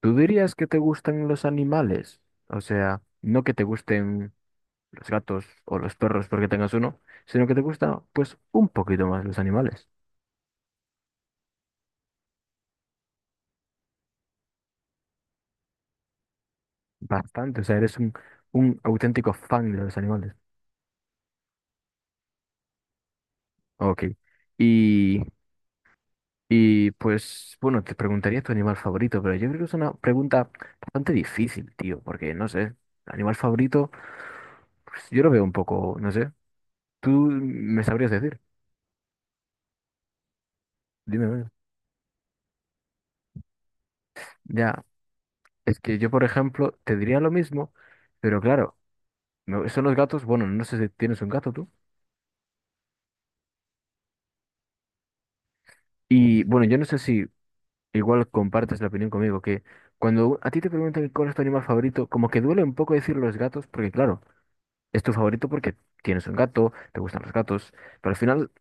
¿Tú dirías que te gustan los animales? O sea, no que te gusten los gatos o los perros porque tengas uno, sino que te gusta pues un poquito más los animales. Bastante, o sea, eres un auténtico fan de los animales. Ok. Y, y pues, bueno, te preguntaría tu animal favorito, pero yo creo que es una pregunta bastante difícil, tío, porque no sé, animal favorito, pues yo lo veo un poco, no sé. Tú me sabrías decir, dime, a ver. Ya, es que yo, por ejemplo, te diría lo mismo, pero claro, son los gatos, bueno, no sé si tienes un gato tú. Y bueno, yo no sé si igual compartes la opinión conmigo, que cuando a ti te preguntan cuál es tu animal favorito, como que duele un poco decir los gatos, porque claro, es tu favorito porque tienes un gato, te gustan los gatos, pero al final,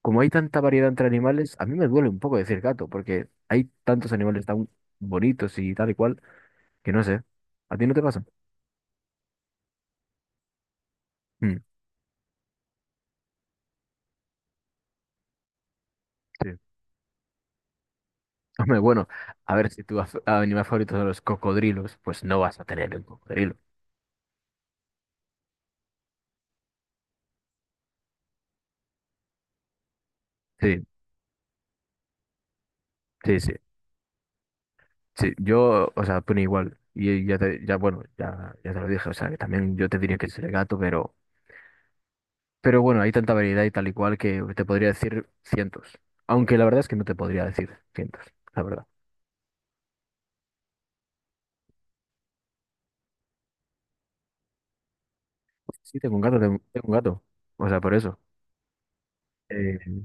como hay tanta variedad entre animales, a mí me duele un poco decir gato, porque hay tantos animales tan bonitos y tal y cual, que no sé, ¿a ti no te pasa? Mm, sí. Hombre, bueno, a ver, si tu animal favorito son los cocodrilos, pues no vas a tener un cocodrilo. Sí, sí, sí. Sí, yo, o sea, opino igual. Y ya te, ya, bueno, ya, ya te lo dije, o sea, que también yo te diría que es el gato, pero bueno, hay tanta variedad y tal y cual que te podría decir cientos. Aunque la verdad es que no te podría decir cientos, la verdad. Sí, tengo un gato, tengo, tengo un gato. O sea, por eso. Eh,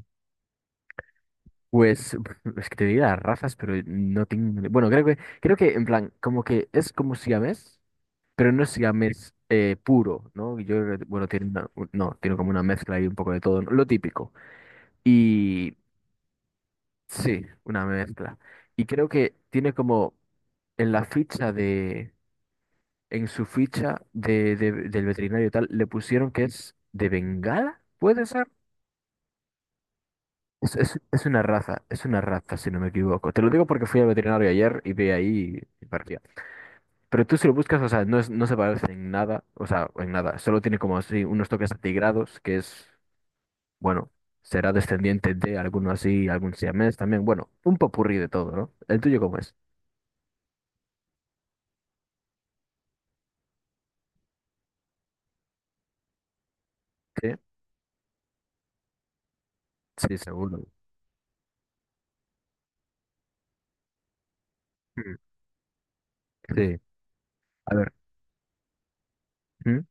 pues es que te diría las razas, pero no tengo. Bueno, creo que en plan, como que es como siamés, pero no es siamés puro, ¿no? Yo creo que, bueno, tiene no, tiene como una mezcla y un poco de todo, ¿no? Lo típico. Y sí, una mezcla. Y creo que tiene como en la ficha de, en su ficha del veterinario y tal, le pusieron que es de Bengala, ¿puede ser? Es una es una raza, si no me equivoco. Te lo digo porque fui al veterinario ayer y vi ahí y parecía. Pero tú si lo buscas, o sea, no, no se parece en nada, o sea, en nada. Solo tiene como así unos toques atigrados, que es bueno, será descendiente de alguno así, algún siamés también. Bueno, un popurrí de todo, ¿no? ¿El tuyo cómo es? Sí, sí, seguro. Mm, sí, a ver, ¿mm?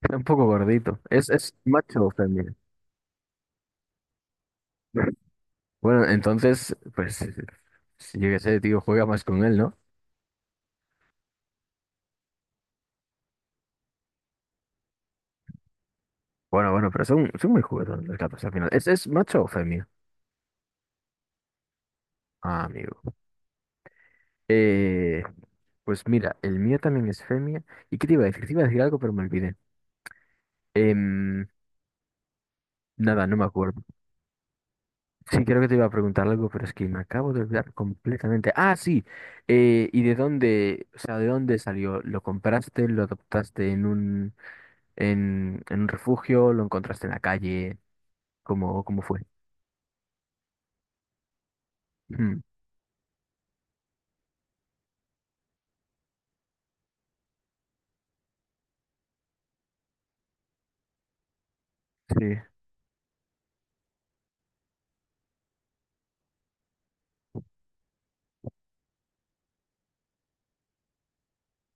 Está un poco gordito. Es macho o femenino? Bueno, entonces, pues, si yo qué sé, tío, juega más con él, ¿no? Bueno, pero son muy juguetones los gatos al final. Es macho o femia? Ah, amigo. Eh, pues mira, el mío también es femia. ¿Y qué te iba a decir? Te iba a decir algo, pero me olvidé. Em, Nada, no me acuerdo. Sí, creo que te iba a preguntar algo, pero es que me acabo de olvidar completamente. Ah, sí, ¿y de dónde, o sea, de dónde salió? ¿Lo compraste? ¿Lo adoptaste en un, en un refugio? ¿Lo encontraste en la calle? Cómo fue? Mm, sí.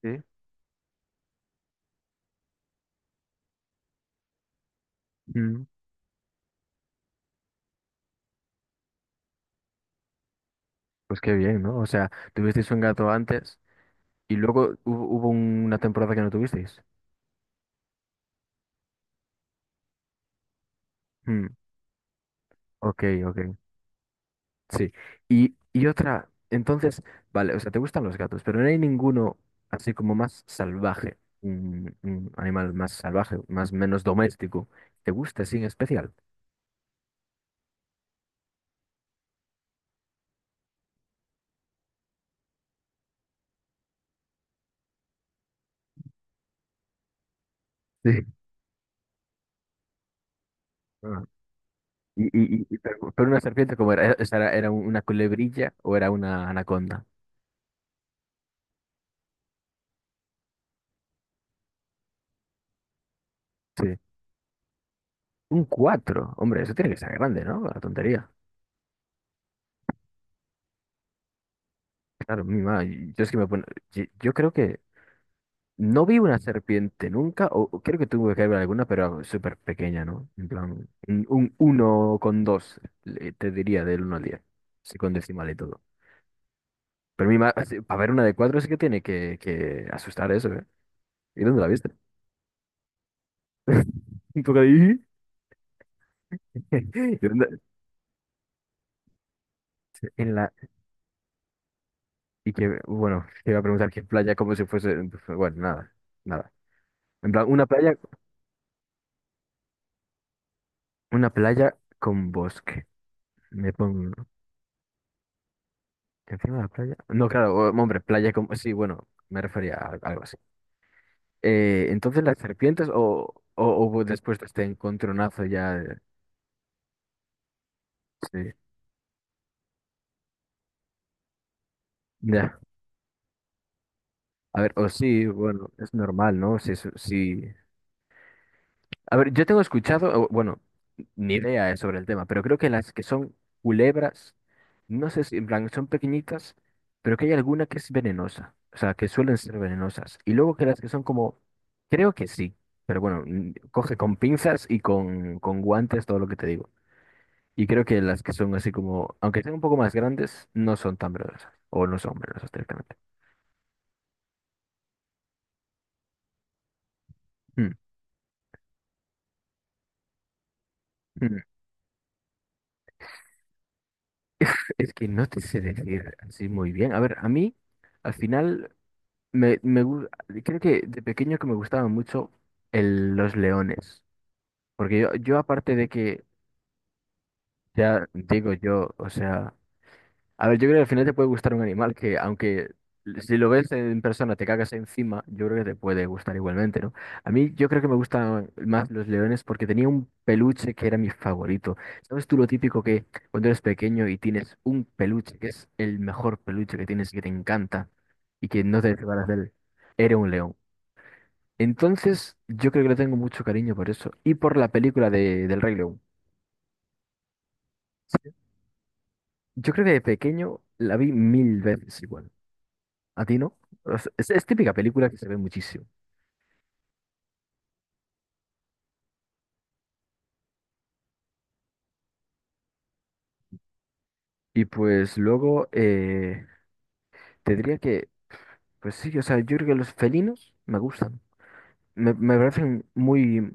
Sí, mm. Pues qué bien, ¿no? O sea, tuvisteis un gato antes y luego hubo, hubo una temporada que no tuvisteis. Mm, ok, ok. Sí. Y otra, entonces, vale, o sea, te gustan los gatos, pero no hay ninguno así como más salvaje, un animal más salvaje, más menos doméstico. ¿Te gusta así en especial? Sí. Ah. Pero una serpiente como era, ¿esa era una culebrilla o era una anaconda? Sí. Un cuatro, hombre, eso tiene que ser grande, ¿no? La tontería. Claro, mi madre, yo es que me pone, yo creo que no vi una serpiente nunca, o creo que tuve que ver alguna, pero súper pequeña, ¿no? En plan, un uno con dos, te diría, del uno al diez, sí, con decimal y todo. Pero mi para ver una de cuatro sí que tiene que asustar eso, ¿eh? ¿Y dónde la viste? Un poco de... ¿Y dónde? En la... Y que, bueno, te iba a preguntar qué playa, como si fuese... Bueno, nada, nada. En plan, una playa con bosque. Me pongo encima de la playa. No, claro, hombre, playa con... Sí, bueno, me refería a algo así. Entonces las serpientes o después de este encontronazo ya, sí, ya. A ver, o sí, bueno, es normal, ¿no? Sí, sí, sí. A ver, yo tengo escuchado, o, bueno, ni idea sobre el tema, pero creo que las que son culebras, no sé si, en plan, son pequeñitas, pero que hay alguna que es venenosa, o sea, que suelen ser venenosas. Y luego que las que son como, creo que sí, pero bueno, mm, coge con pinzas y con guantes todo lo que te digo. Y creo que las que son así como, aunque sean un poco más grandes, no son tan verdosas. O no son verdosas directamente. Mm, mm. Es que no te sé decir así muy bien. A ver, a mí, al final, me, me gu- creo que de pequeño que me gustaban mucho los leones. Porque yo aparte de que, ya digo yo, o sea. A ver, yo creo que al final te puede gustar un animal que, aunque si lo ves en persona te cagas encima, yo creo que te puede gustar igualmente, ¿no? A mí yo creo que me gustan más los leones porque tenía un peluche que era mi favorito. ¿Sabes tú lo típico que cuando eres pequeño y tienes un peluche que es el mejor peluche que tienes y que te encanta y que no te desbaras de él? Era un león. Entonces, yo creo que le tengo mucho cariño por eso y por la película del Rey León. Sí. Yo creo que de pequeño la vi mil veces igual. ¿A ti no? O sea, es típica película que se ve muchísimo. Y pues luego te diría que, pues sí, o sea, yo creo que los felinos me gustan. Me parecen muy,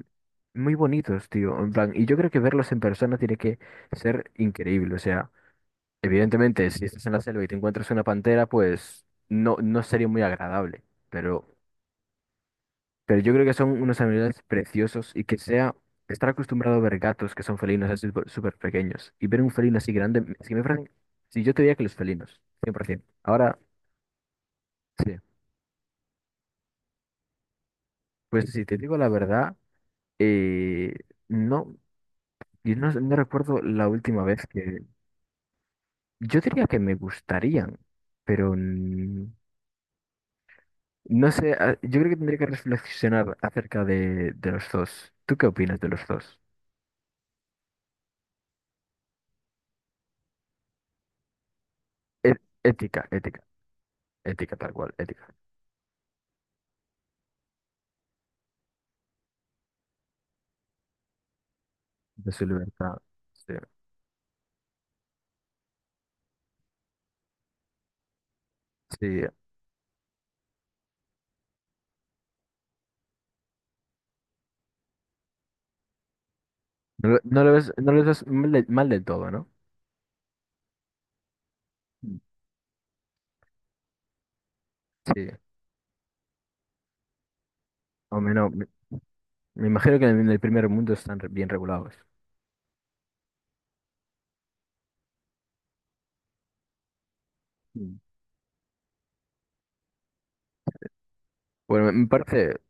muy bonitos, tío. En plan, y yo creo que verlos en persona tiene que ser increíble. O sea, evidentemente, si estás en la selva y te encuentras una pantera, pues no, no sería muy agradable. Pero Pero yo creo que son unos animales preciosos y que sea estar acostumbrado a ver gatos que son felinos así súper súper pequeños y ver un felino así grande, es que me parece, si yo te diría que los felinos, 100%. Ahora, sí, pues si te digo la verdad, eh, no, yo no, no recuerdo la última vez que, yo diría que me gustarían, pero mm, no sé, ah, yo creo que tendría que reflexionar acerca de los dos. ¿Tú qué opinas de los dos? E- Ética, ética tal cual, ética. De su libertad. Sí, sí. No, no lo ves, no lo ves mal, mal del todo, ¿no? Mm. Sí, o menos, me imagino que en el primer mundo están bien regulados. Mm. Bueno, me parece,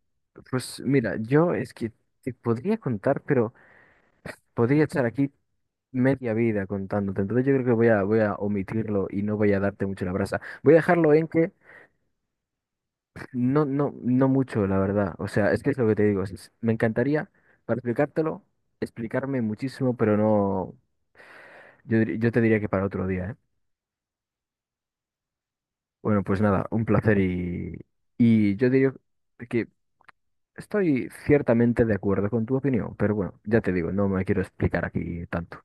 pues mira, yo es que te podría contar, pero podría estar aquí media vida contándote. Entonces yo creo que voy a, voy a omitirlo y no voy a darte mucho la brasa. Voy a dejarlo en que no, no, no mucho, la verdad. O sea, es que es lo que te digo. Me encantaría, para explicártelo, explicarme muchísimo, pero no. Yo, yo te diría que para otro día, ¿eh? Bueno, pues nada, un placer y yo diría que estoy ciertamente de acuerdo con tu opinión, pero bueno, ya te digo, no me quiero explicar aquí tanto.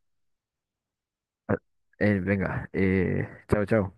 Ah, venga, chao, chao.